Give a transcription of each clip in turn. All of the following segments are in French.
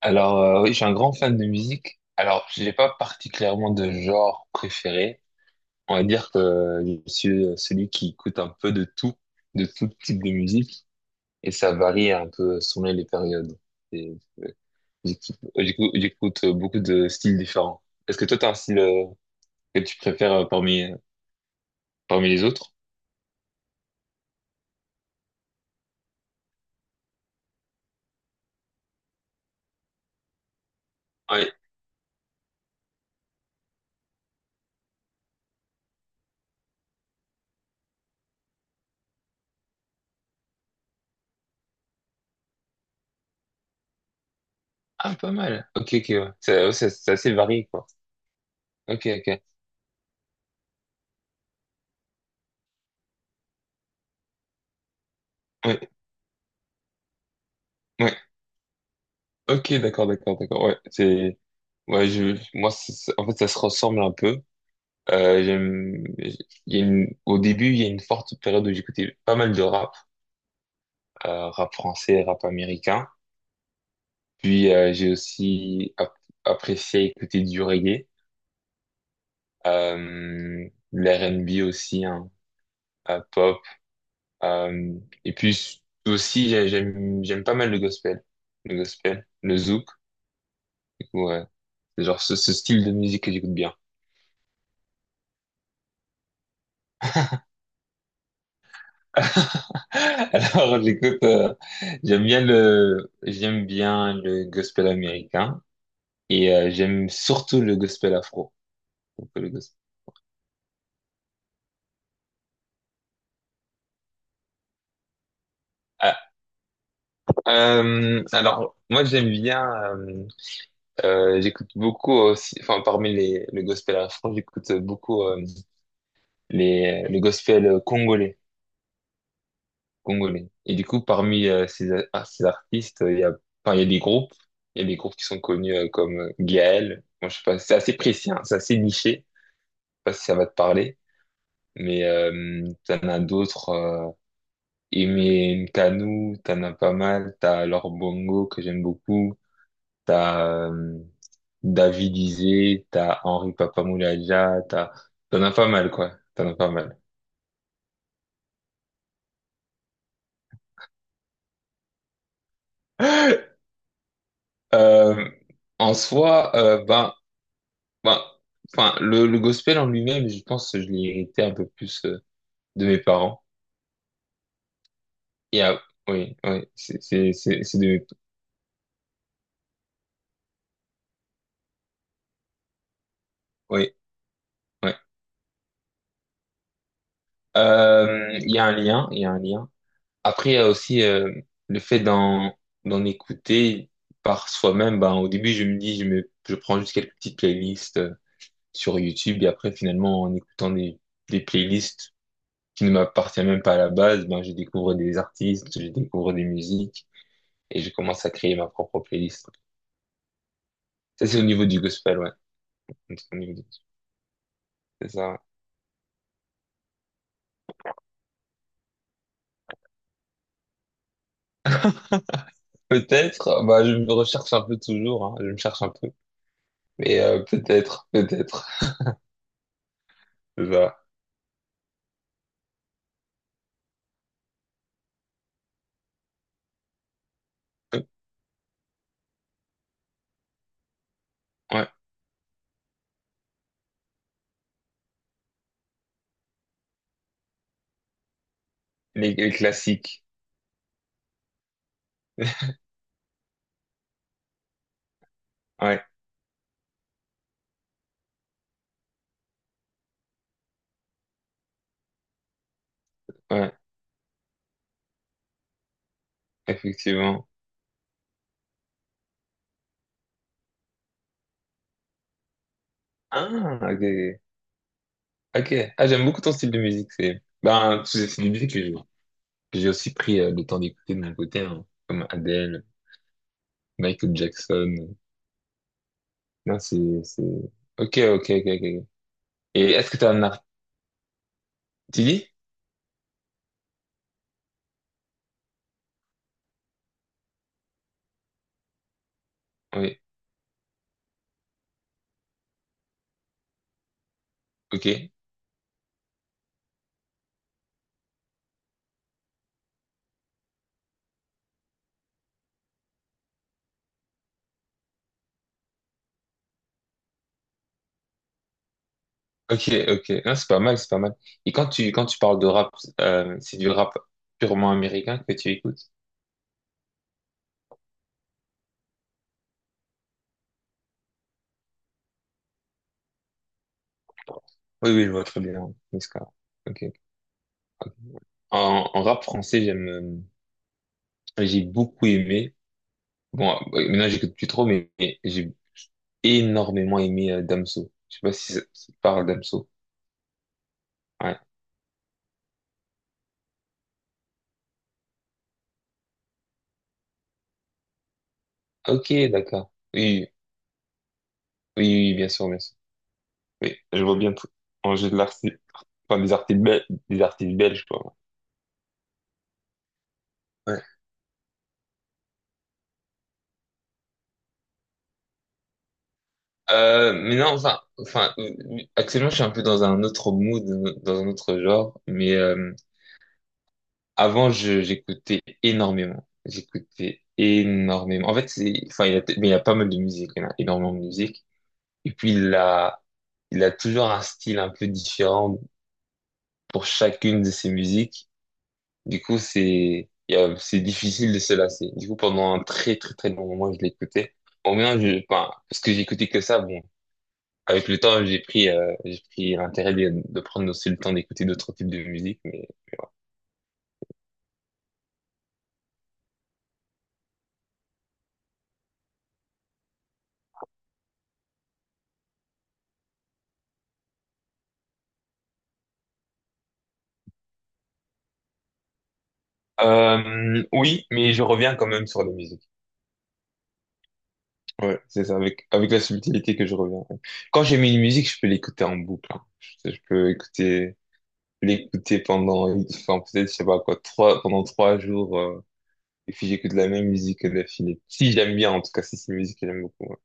Alors, oui, je suis un grand fan de musique. Alors, je n'ai pas particulièrement de genre préféré. On va dire que je suis celui qui écoute un peu de tout type de musique, et ça varie un peu selon les périodes. Et, j'écoute beaucoup de styles différents. Est-ce que toi, tu as un style que tu préfères parmi les autres? Oui. Ah, pas mal. Ok, ok, ouais. C'est ouais, c'est assez varié, quoi. Ok, ok. Ouais, ouais. Ok, d'accord, d'accord, d'accord. Ouais, c'est, ouais, je, moi, en fait, ça se ressemble un peu. J'aime, il y a une, au début, il y a une forte période où j'écoutais pas mal de rap, rap français, rap américain. Puis, j'ai aussi apprécié écouter du reggae, euh, l'R&B aussi, hein, pop. Euh, et puis aussi, j'aime pas mal le gospel, le gospel, le zouk. Du coup, ouais, c'est genre ce style de musique que j'écoute bien. Alors, j'aime bien le gospel américain et j'aime surtout le gospel afro. Donc, le gospel- Ah, alors, moi, j'aime bien, euh, j'écoute beaucoup aussi, enfin, parmi le gospel afro, j'écoute beaucoup le gospel congolais, congolais. Et du coup, parmi ces artistes, il y a des groupes, il y a des groupes qui sont connus comme Gaël. Moi, je sais pas, c'est assez précis, hein, c'est assez niché. Pas si ça va te parler, mais t'en as d'autres. Aimé Nkanu, t'en as pas mal. T'as Laure Bongo que j'aime beaucoup. T'as David Isé, t'as Henri Papamoulaja, t'en as pas mal quoi. T'en as pas mal. Euh, En soi, ben, ben, enfin, le gospel en lui-même, je pense que je l'ai hérité un peu plus de mes parents. Et ah, oui, oui, c'est de mes. Oui. Ouais. Il y a un lien, il y a un lien. Après, il y a aussi le fait d'en écouter par soi-même. Ben, au début, je me dis, je me, je prends juste quelques petites playlists sur YouTube et après, finalement, en écoutant des playlists qui ne m'appartiennent même pas à la base, ben, je découvre des artistes, je découvre des musiques et je commence à créer ma propre playlist. Ça, c'est au niveau du gospel, ouais. C'est Au niveau du- C'est ça. Ouais. Peut-être, bah, je me recherche un peu toujours, hein, je me cherche un peu, mais peut-être, peut-être. C'est ça. Ouais, les classiques. Ouais, ouais, effectivement. Ah, ok. Ok. Ah, j'aime beaucoup ton style de musique. C'est ben, c'est des musiques que j'ai aussi pris le temps d'écouter de mon côté, hein, comme Adele, Michael Jackson. Non, Ok, ok, ok, ok. Et est-ce que t'as un art... Tu dis? Oui. Ok. Ok, ok. Non, c'est pas mal, c'est pas mal. Et quand tu parles de rap, c'est du rap purement américain que tu écoutes? Oui, oui, je vois très bien. Niska. Ok. En rap français, j'ai beaucoup aimé. Bon, maintenant j'écoute plus trop, mais j'ai énormément aimé Damso. Je sais pas si ça te parle Damso. Ouais. Ok, d'accord. Oui, oui, oui, oui, bien sûr, bien sûr. Oui, je vois bien tout. En jeu de l'artiste, enfin, des artistes belges, quoi. Ouais. Mais non, enfin, actuellement, je suis un peu dans un autre mood, dans un autre genre, mais avant j'écoutais énormément. J'écoutais énormément. En fait, c'est, enfin, il y a, mais il y a pas mal de musique. Il y en a énormément de musique. Et puis, il a toujours un style un peu différent pour chacune de ses musiques. Du coup, c'est, il y a- c'est difficile de se lasser. Du coup, pendant un très, très, très long moment, je l'écoutais. Au moins, enfin, parce que j'écoutais que ça, bon. Avec le temps, j'ai pris l'intérêt de prendre aussi le temps d'écouter d'autres types de musique, mais, oui, mais je reviens quand même sur les musiques. Ouais, c'est ça, avec la subtilité que je reviens. Quand j'ai mis une musique, je peux l'écouter en boucle, hein. Je peux l'écouter pendant, enfin, peut-être, je sais pas quoi, pendant 3 jours, et puis j'écoute la même musique d'affilée. Si j'aime bien, en tout cas, si c'est une musique que j'aime beaucoup. Ouais,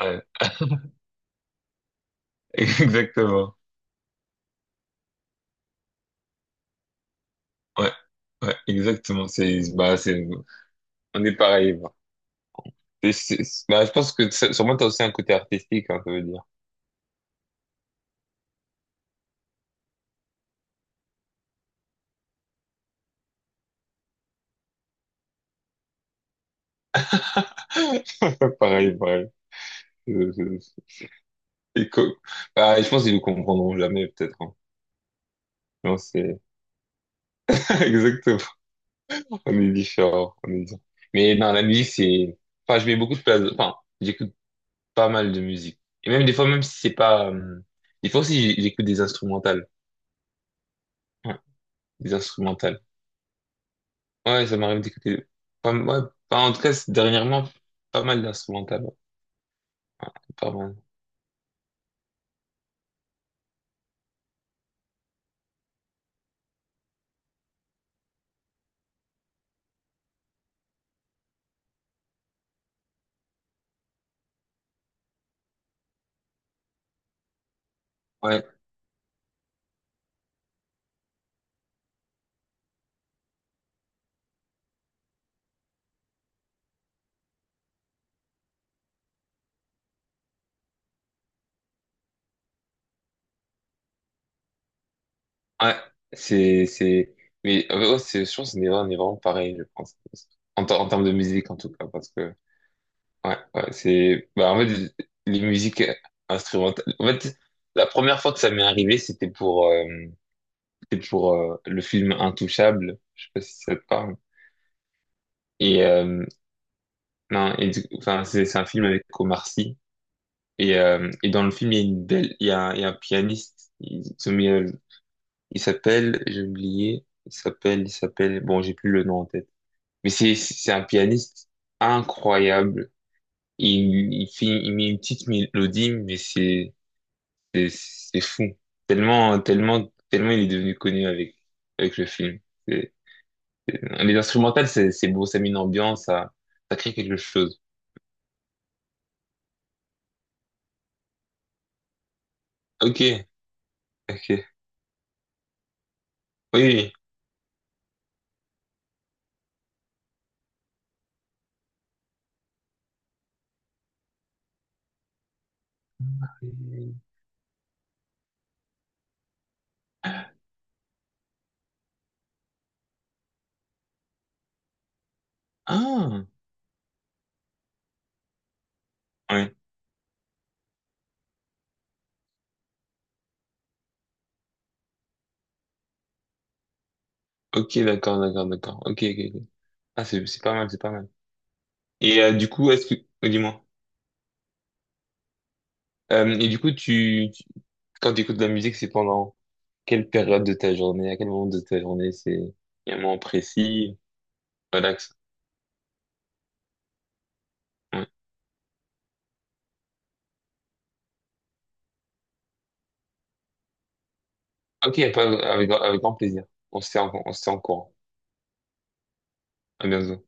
ouais, exactement. Ouais, ouais, exactement. On est pareil, bah. Bah, je pense sûrement t'as aussi un côté artistique, hein, ça veut dire. Pareil, pareil. Je- je- et co- Bah, je pense qu'ils ne comprendront jamais, peut-être, hein. Non, Exactement, on est différents, on est différents. Mais non, la musique, Enfin, je mets beaucoup de place. Enfin, j'écoute pas mal de musique. Et même des fois, même si c'est pas... des fois aussi, j'écoute des instrumentales. Ouais, des instrumentales. Ouais, ça m'arrive d'écouter... Pas... ouais, enfin, en tout cas, dernièrement, pas mal d'instrumentales, ouais. Pas mal. Ouais, ouais, c'est... c'est... mais ouais, je pense qu'on est vraiment pareil, je pense. En termes de musique, en tout cas, parce que. Ouais, ouais, c'est, bah, en fait, les musiques instrumentales. En fait, la première fois que ça m'est arrivé, c'était pour le film Intouchable. Je sais pas si ça te parle. Et, non, enfin, c'est un film avec Omar Sy. Et dans le film, il y a une belle, il y a, un- il y a un pianiste. Il s'appelle, j'ai oublié, il s'appelle, bon, j'ai plus le nom en tête. Mais c'est un pianiste incroyable. Il met une petite mélodie, mais c'est fou. Tellement, tellement, tellement il est devenu connu avec le film. C'est- Les instrumentales, c'est beau, ça met une ambiance, ça crée quelque chose. Ok, ok. Oui, oui. Ah, ouais. Ok, d'accord, d'accord, d'accord. Ok, ok, ok. Ah, c'est pas mal, c'est pas mal. Et du coup, est-ce que. Oh, dis-moi. Et du coup, quand tu écoutes de la musique, c'est pendant quelle période de ta journée, à quel moment de ta journée, c'est il y a un moment précis, relax. Ouais. Ok, avec grand plaisir. On se tient en courant. À bientôt.